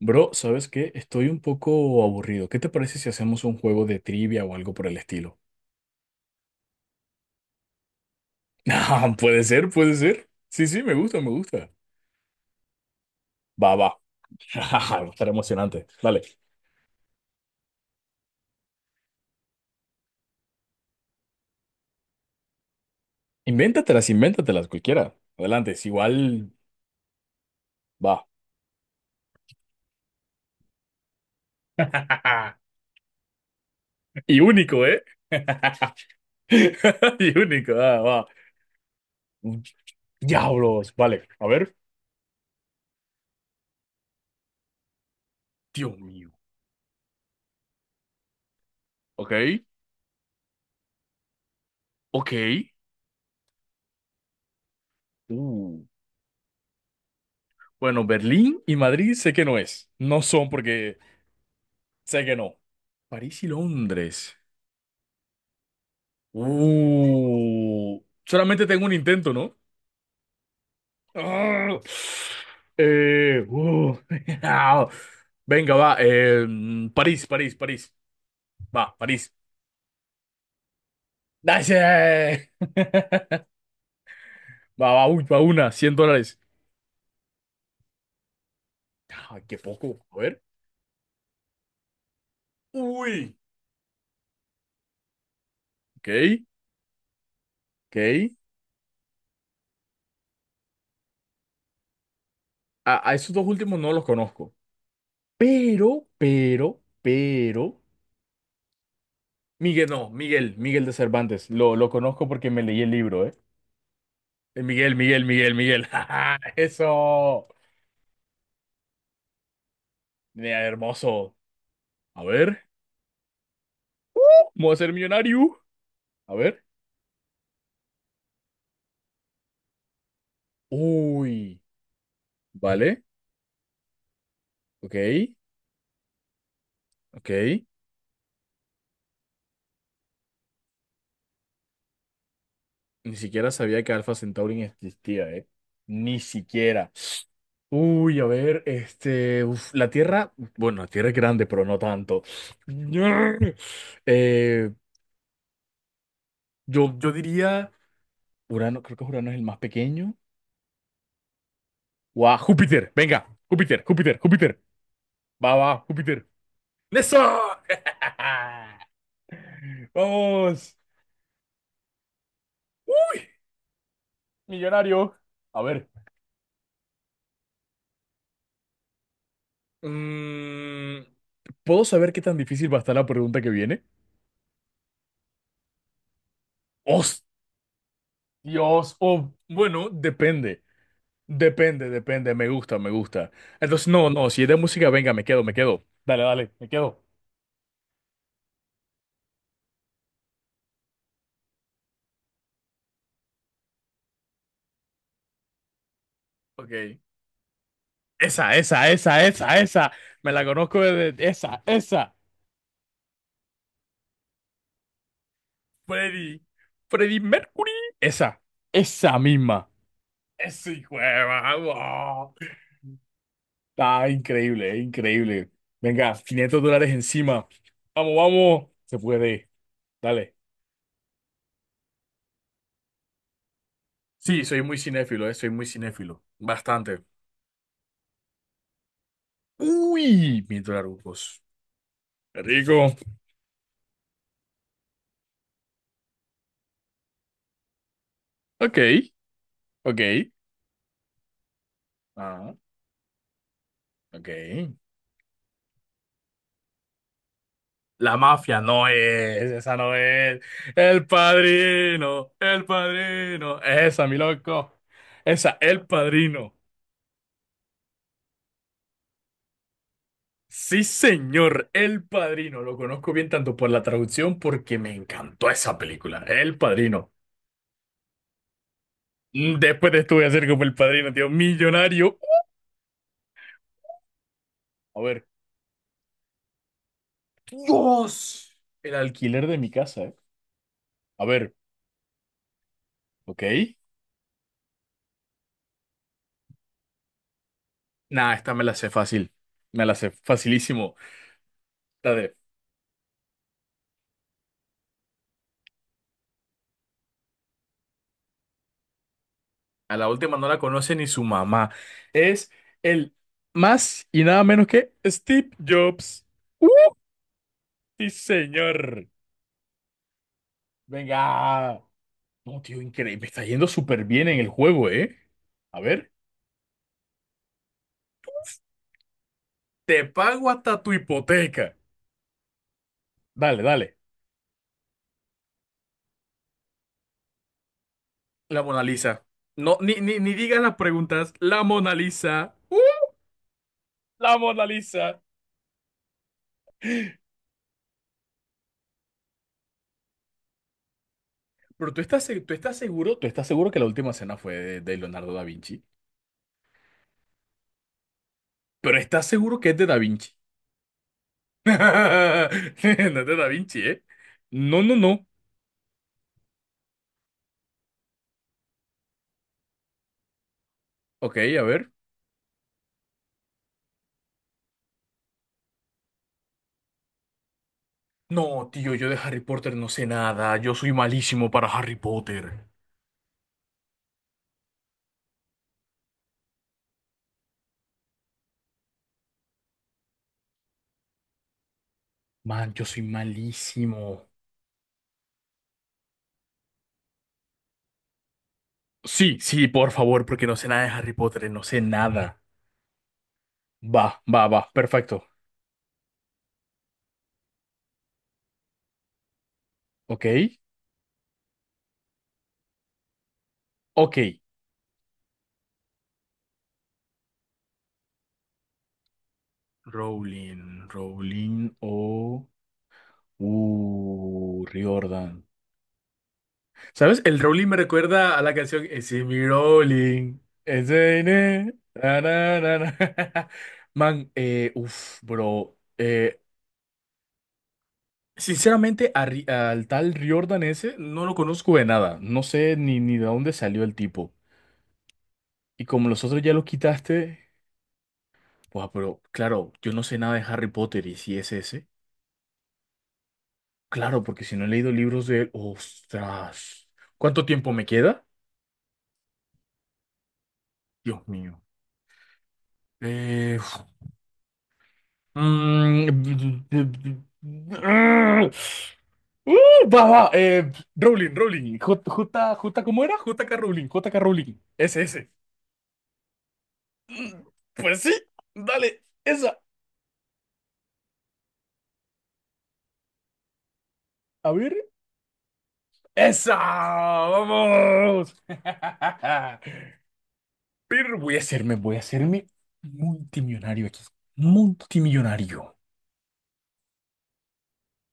Bro, ¿sabes qué? Estoy un poco aburrido. ¿Qué te parece si hacemos un juego de trivia o algo por el estilo? Ah, puede ser, puede ser. Sí, sí, me gusta, me gusta. Va, va. Va a estar emocionante. Dale. Invéntatelas, invéntatelas, cualquiera. Adelante, es igual. Va. Y único, ¿eh? Y único, ah, va. Diablos. Vale, a ver. Dios mío. Ok, ok. Uh. Bueno, Berlín y Madrid sé que no es. No son porque sé que no. París y Londres. Solamente tengo un intento, ¿no? Ah, eh, uh, Venga, va. París, París, París. Va, París. ¡Dale! Va, va, uy, va una, $100. Ah, qué poco. A ver. Uy. Ok, ok. A esos dos últimos no los conozco. Pero, pero. Miguel, no, Miguel, Miguel de Cervantes. Lo conozco porque me leí el libro, ¿eh? Miguel, Miguel, Miguel, Miguel. ¡Ajá! Eso. Mira, hermoso. A ver. ¿Cómo a ser millonario? A ver. Uy. Vale. Ok. Ok. Ni siquiera sabía que Alpha Centauri existía, ¿eh? Ni siquiera. Uy, a ver. La Tierra. Bueno, la Tierra es grande, pero no tanto. Eh, yo diría. Urano. Creo que Urano es el más pequeño. ¡Guau! Júpiter. Venga. Júpiter, Júpiter, Júpiter. Va, va, Júpiter. ¡Eso! Vamos. Uy, millonario. A ver, Mm, ¿puedo saber qué tan difícil va a estar la pregunta que viene? Os dios Oh, bueno, depende. Depende, depende. Me gusta, me gusta. Entonces, no, no, si es de música, venga, me quedo, me quedo. Dale, dale, me quedo. Ok. Esa, esa, esa, esa, esa. Me la conozco desde esa, esa. Freddy. Freddy Mercury. Esa, esa misma. Ese hijo de madre. Ah, increíble, increíble. Venga, $500 encima. Vamos, vamos. Se puede. Dale. Sí, soy muy cinéfilo, soy muy cinéfilo. Bastante. Uy, mil dolarucos. Qué rico. Ok, ok. Ah, ok. La mafia no es, esa no es. El padrino, el padrino. Esa, mi loco. Esa, el padrino. Sí, señor, El Padrino. Lo conozco bien tanto por la traducción porque me encantó esa película, El Padrino. Después de esto voy a ser como El Padrino, tío, millonario. A ver, Dios, el alquiler de mi casa, ¿eh? A ver, ok. Nah, esta me la sé fácil, me la sé facilísimo. La de, a la última no la conoce ni su mamá. Es el más y nada menos que Steve Jobs. ¡Uh! Sí, señor. Venga. No, tío, increíble. Me está yendo súper bien en el juego, ¿eh? A ver. Te pago hasta tu hipoteca. Dale, dale. La Mona Lisa. No, ni, ni, ni digas las preguntas. La Mona Lisa. ¡Uh! La Mona Lisa. Pero tú estás seguro que la última cena fue de Leonardo da Vinci. Pero estás seguro que es de Da Vinci. No es de Da Vinci, ¿eh? No, no, no. Ok, a ver. No, tío, yo de Harry Potter no sé nada. Yo soy malísimo para Harry Potter. Man, yo soy malísimo. Sí, sí, por favor, porque no sé nada de Harry Potter, no sé nada. Va, va, va, perfecto. Ok, ok. Rowling, Rowling o... Riordan. ¿Sabes? El Rowling me recuerda a la canción It's in me Rowling. It's in na, na, na, na. Man, bro. Sinceramente, a al tal Riordan ese no lo conozco de nada. No sé ni de dónde salió el tipo. Y como los otros ya los quitaste, pues, pero claro, yo no sé nada de Harry Potter y si es ese. Claro, porque si no he leído libros de él, ostras. ¿Cuánto tiempo me queda? Dios mío. Eh, mm, va, va, Rowling, Rowling, ¿cómo era? JK Rowling, JK Rowling, ese, ese. Pues sí, dale, esa, a ver, esa, vamos. Pero voy a hacerme multimillonario aquí. Multimillonario.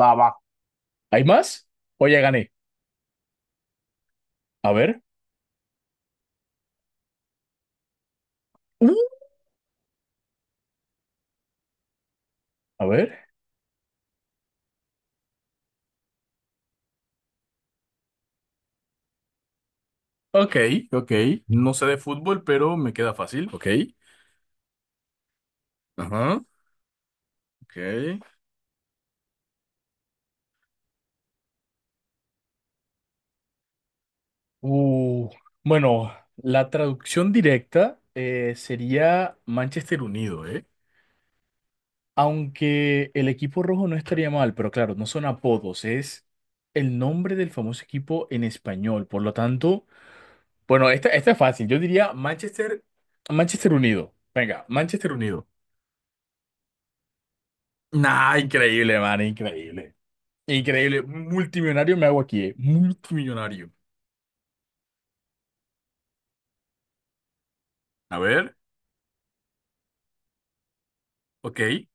Va, va. ¿Hay más? O ya gané. A ver. Mm. A ver. Ok, ok. No sé de fútbol, pero me queda fácil. Ok. Ajá. Ok. Uh, bueno, la traducción directa sería Manchester Unido, ¿eh? Aunque el equipo rojo no estaría mal, pero claro, no son apodos, es el nombre del famoso equipo en español. Por lo tanto. Bueno, esta es fácil. Yo diría Manchester, Manchester Unido. Venga, Manchester Unido. Nah, increíble, man, increíble. Increíble. Multimillonario me hago aquí, eh. Multimillonario. A ver, ok.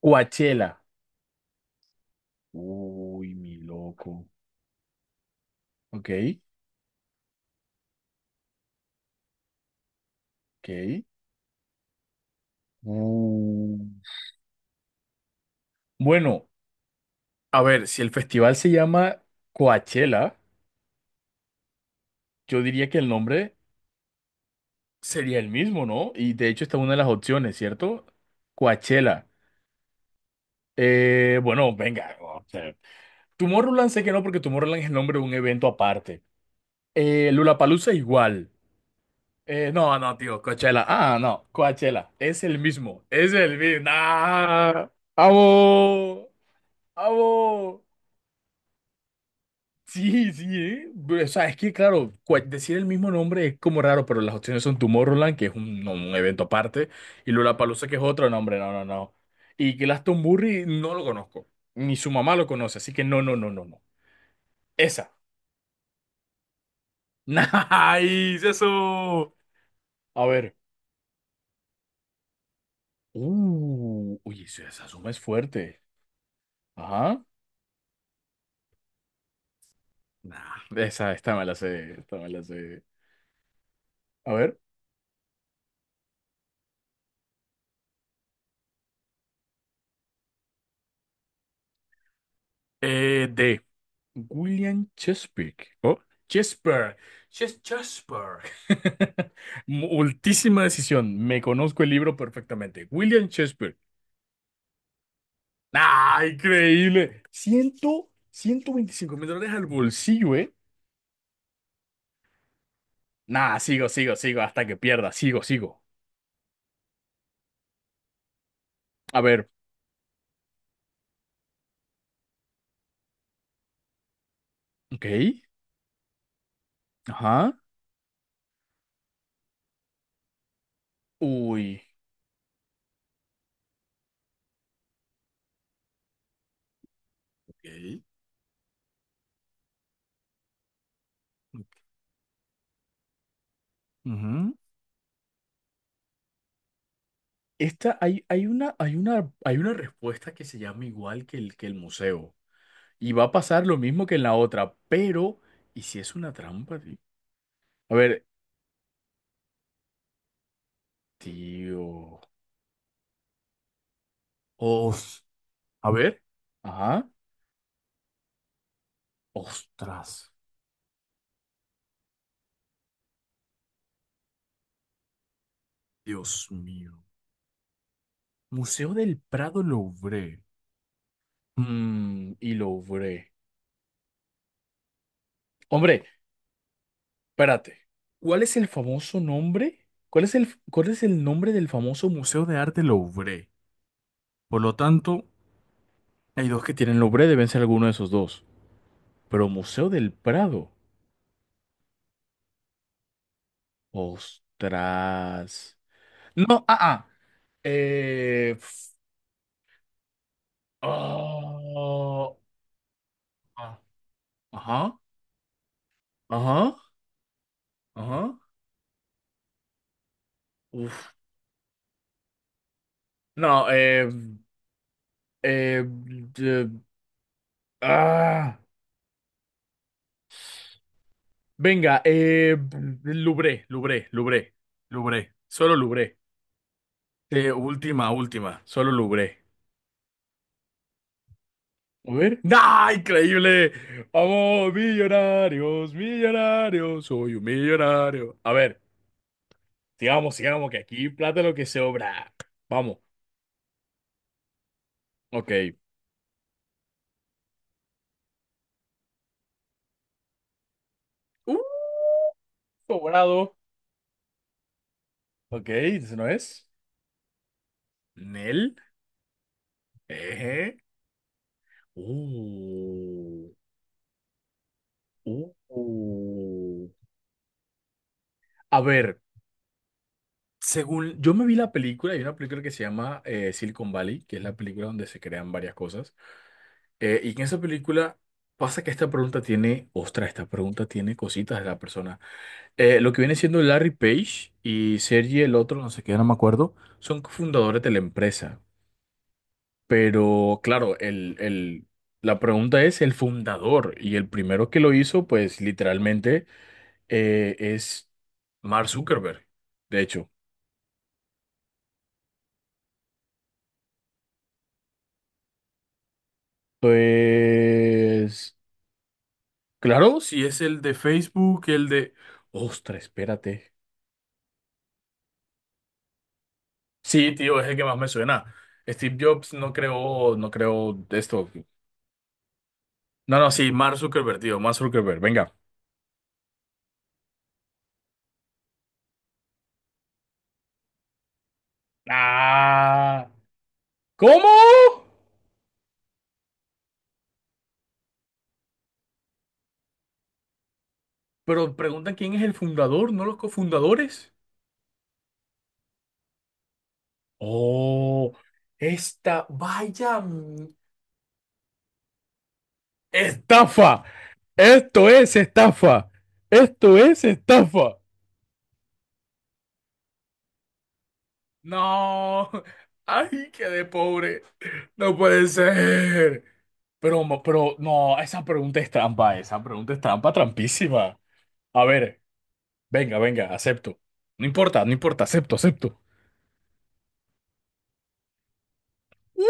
Coachella. Uy, mi loco. Ok, ok. Uh. Bueno, a ver, si el festival se llama Coachella, yo diría que el nombre sería el mismo, ¿no? Y de hecho, esta es una de las opciones, ¿cierto? Coachella. Bueno, venga. O sea, Tomorrowland sé que no, porque Tomorrowland es el nombre de un evento aparte. Lollapalooza igual. No, no, tío, Coachella. Ah, no, Coachella. Es el mismo. Es el mismo. ¡Ah! ¡Vamos! ¡Vamos! Sí, sí, ¿eh? O sea, es que, claro, decir el mismo nombre es como raro, pero las opciones son Tomorrowland, que es un, no, un evento aparte, y Lollapalooza, que es otro nombre. No, no, no. Y Glastonbury no lo conozco. Ni su mamá lo conoce, así que no, no, no, no, no. Esa. ¡Nice! ¡Eso! A ver. Esa esa suma es fuerte. Ajá. Nah. Esa, esta me la sé. Esta me la sé. A ver. De William Chesapeake. Oh, Chesper. Ches Chesper. Multísima decisión. Me conozco el libro perfectamente. William Chesper. ¡Nah, increíble! Ciento, 125 mil dólares al bolsillo, ¿eh? Nah, sigo, sigo, sigo hasta que pierda. Sigo, sigo. A ver. Ok. Ajá. Uy. Ok. Ujú. Esta, hay una, hay una, hay una respuesta que se llama igual que que el museo. Y va a pasar lo mismo que en la otra, pero... ¿Y si es una trampa, tío? A ver, tío. Os. A ver. Ajá. Ostras. Dios mío. Museo del Prado Louvre. Y Louvre. Hombre, espérate, ¿cuál es el famoso nombre? ¿Cuál es el nombre del famoso Museo de Arte Louvre? Por lo tanto, hay dos que tienen Louvre, deben ser alguno de esos dos. Pero Museo del Prado. Ostras. No, ah, ah. Eh, f- oh, ah, ajá, ajá, ajá. Uf. No, eh, eh, ah. Venga, Lubré, Lubré, Lubré, Lubré, solo Lubré. Última, última, solo Lubré. A ver. ¡Ah, increíble! Vamos, millonarios, millonarios, soy un millonario. A ver, sigamos, sigamos, que aquí plata lo que sobra. Vamos, ok. Uh, sobrado. Ok, ¿eso no es? Nel. Eje. Uh, uh. uh. A ver. Según yo me vi la película, hay una película que se llama Silicon Valley, que es la película donde se crean varias cosas. Y en esa película pasa que esta pregunta tiene, ostras, esta pregunta tiene cositas de la persona. Lo que viene siendo Larry Page y Sergey, el otro, no sé qué, no me acuerdo, son cofundadores de la empresa. Pero claro, la pregunta es el fundador y el primero que lo hizo, pues literalmente es Mark Zuckerberg, de hecho. Pues... Claro, si es el de Facebook, el de... Ostras, espérate. Sí, tío, es el que más me suena. Steve Jobs no creó, no creó esto. No, no, sí, Mark Zuckerberg, tío, Mark Zuckerberg, venga. Ah, ¿cómo? Pero pregunta quién es el fundador, no los cofundadores. Oh, esta, vaya estafa. Esto es estafa. Esto es estafa. No, ay, qué de pobre. No puede ser. Pero, no, esa pregunta es trampa, esa pregunta es trampa, trampísima. A ver, venga, venga, acepto. No importa, no importa, acepto, acepto. Mm.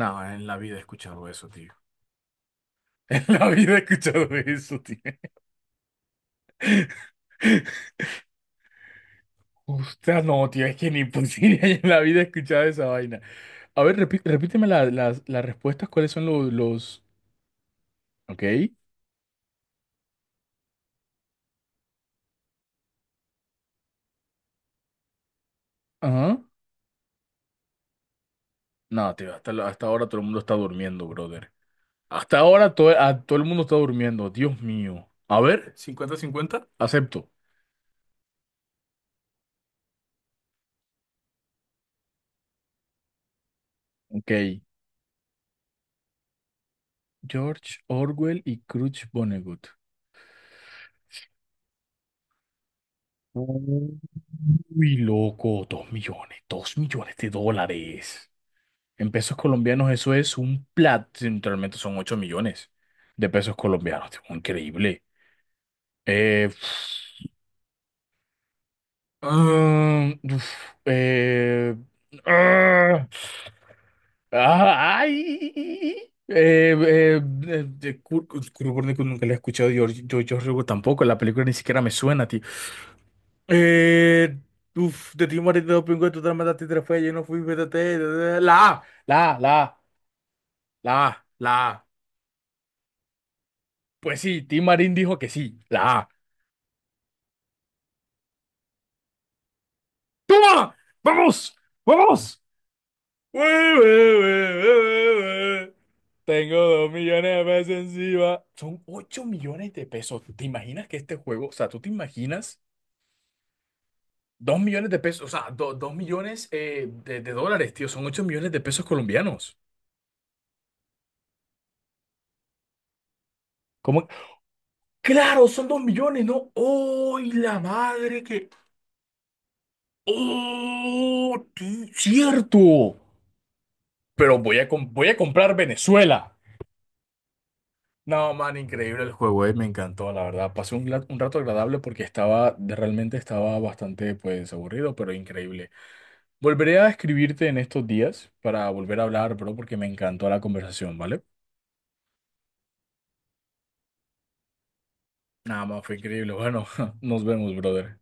No, en la vida he escuchado eso, tío. En la vida he escuchado eso, tío. Usted no, tío, es que ni posible en la vida he escuchado esa vaina. A ver, repíteme las respuestas, ¿cuáles son los... Ok. Ajá. No, tío, hasta ahora todo el mundo está durmiendo, brother. Hasta ahora todo el mundo está durmiendo. Dios mío. A ver, 50-50 acepto. Ok. George Orwell y Crutch Vonnegut. Uy, loco, dos millones, $2 millones. En pesos colombianos eso es un plat, realmente son $8 millones colombianos. Tipo, increíble. Eh, Ah, uf, eh, ah, ah, ay, de Kurt Vonnegut nunca la he escuchado, yo Hugo tampoco, la película ni siquiera me suena, tío. Eh, de ti morir de dopingo, tú te mataste tres fue, yo no fui, vete, la A, la A, la A, la A, la A. Pues sí, Tim Marín dijo que sí, la A. ¡Toma! ¡Vamos! ¡Vamos! Ue, ue, ue, ue, ue. Tengo $2 millones encima. Son ocho millones de pesos. ¿Te imaginas que este juego, o sea, tú te imaginas $2 millones, o sea, 2 millones de dólares, tío, son 8 millones de pesos colombianos. ¿Cómo? Claro, son 2 millones, ¿no? ¡Ay, la madre que... ¡Oh, tío! ¡Cierto! Pero voy a, voy a comprar Venezuela. No, man, increíble el juego, me encantó, la verdad. Pasé un, un rato agradable porque estaba, realmente estaba bastante, pues, aburrido, pero increíble. Volveré a escribirte en estos días para volver a hablar, bro, porque me encantó la conversación, ¿vale? Nada más, fue increíble. Bueno, nos vemos, brother.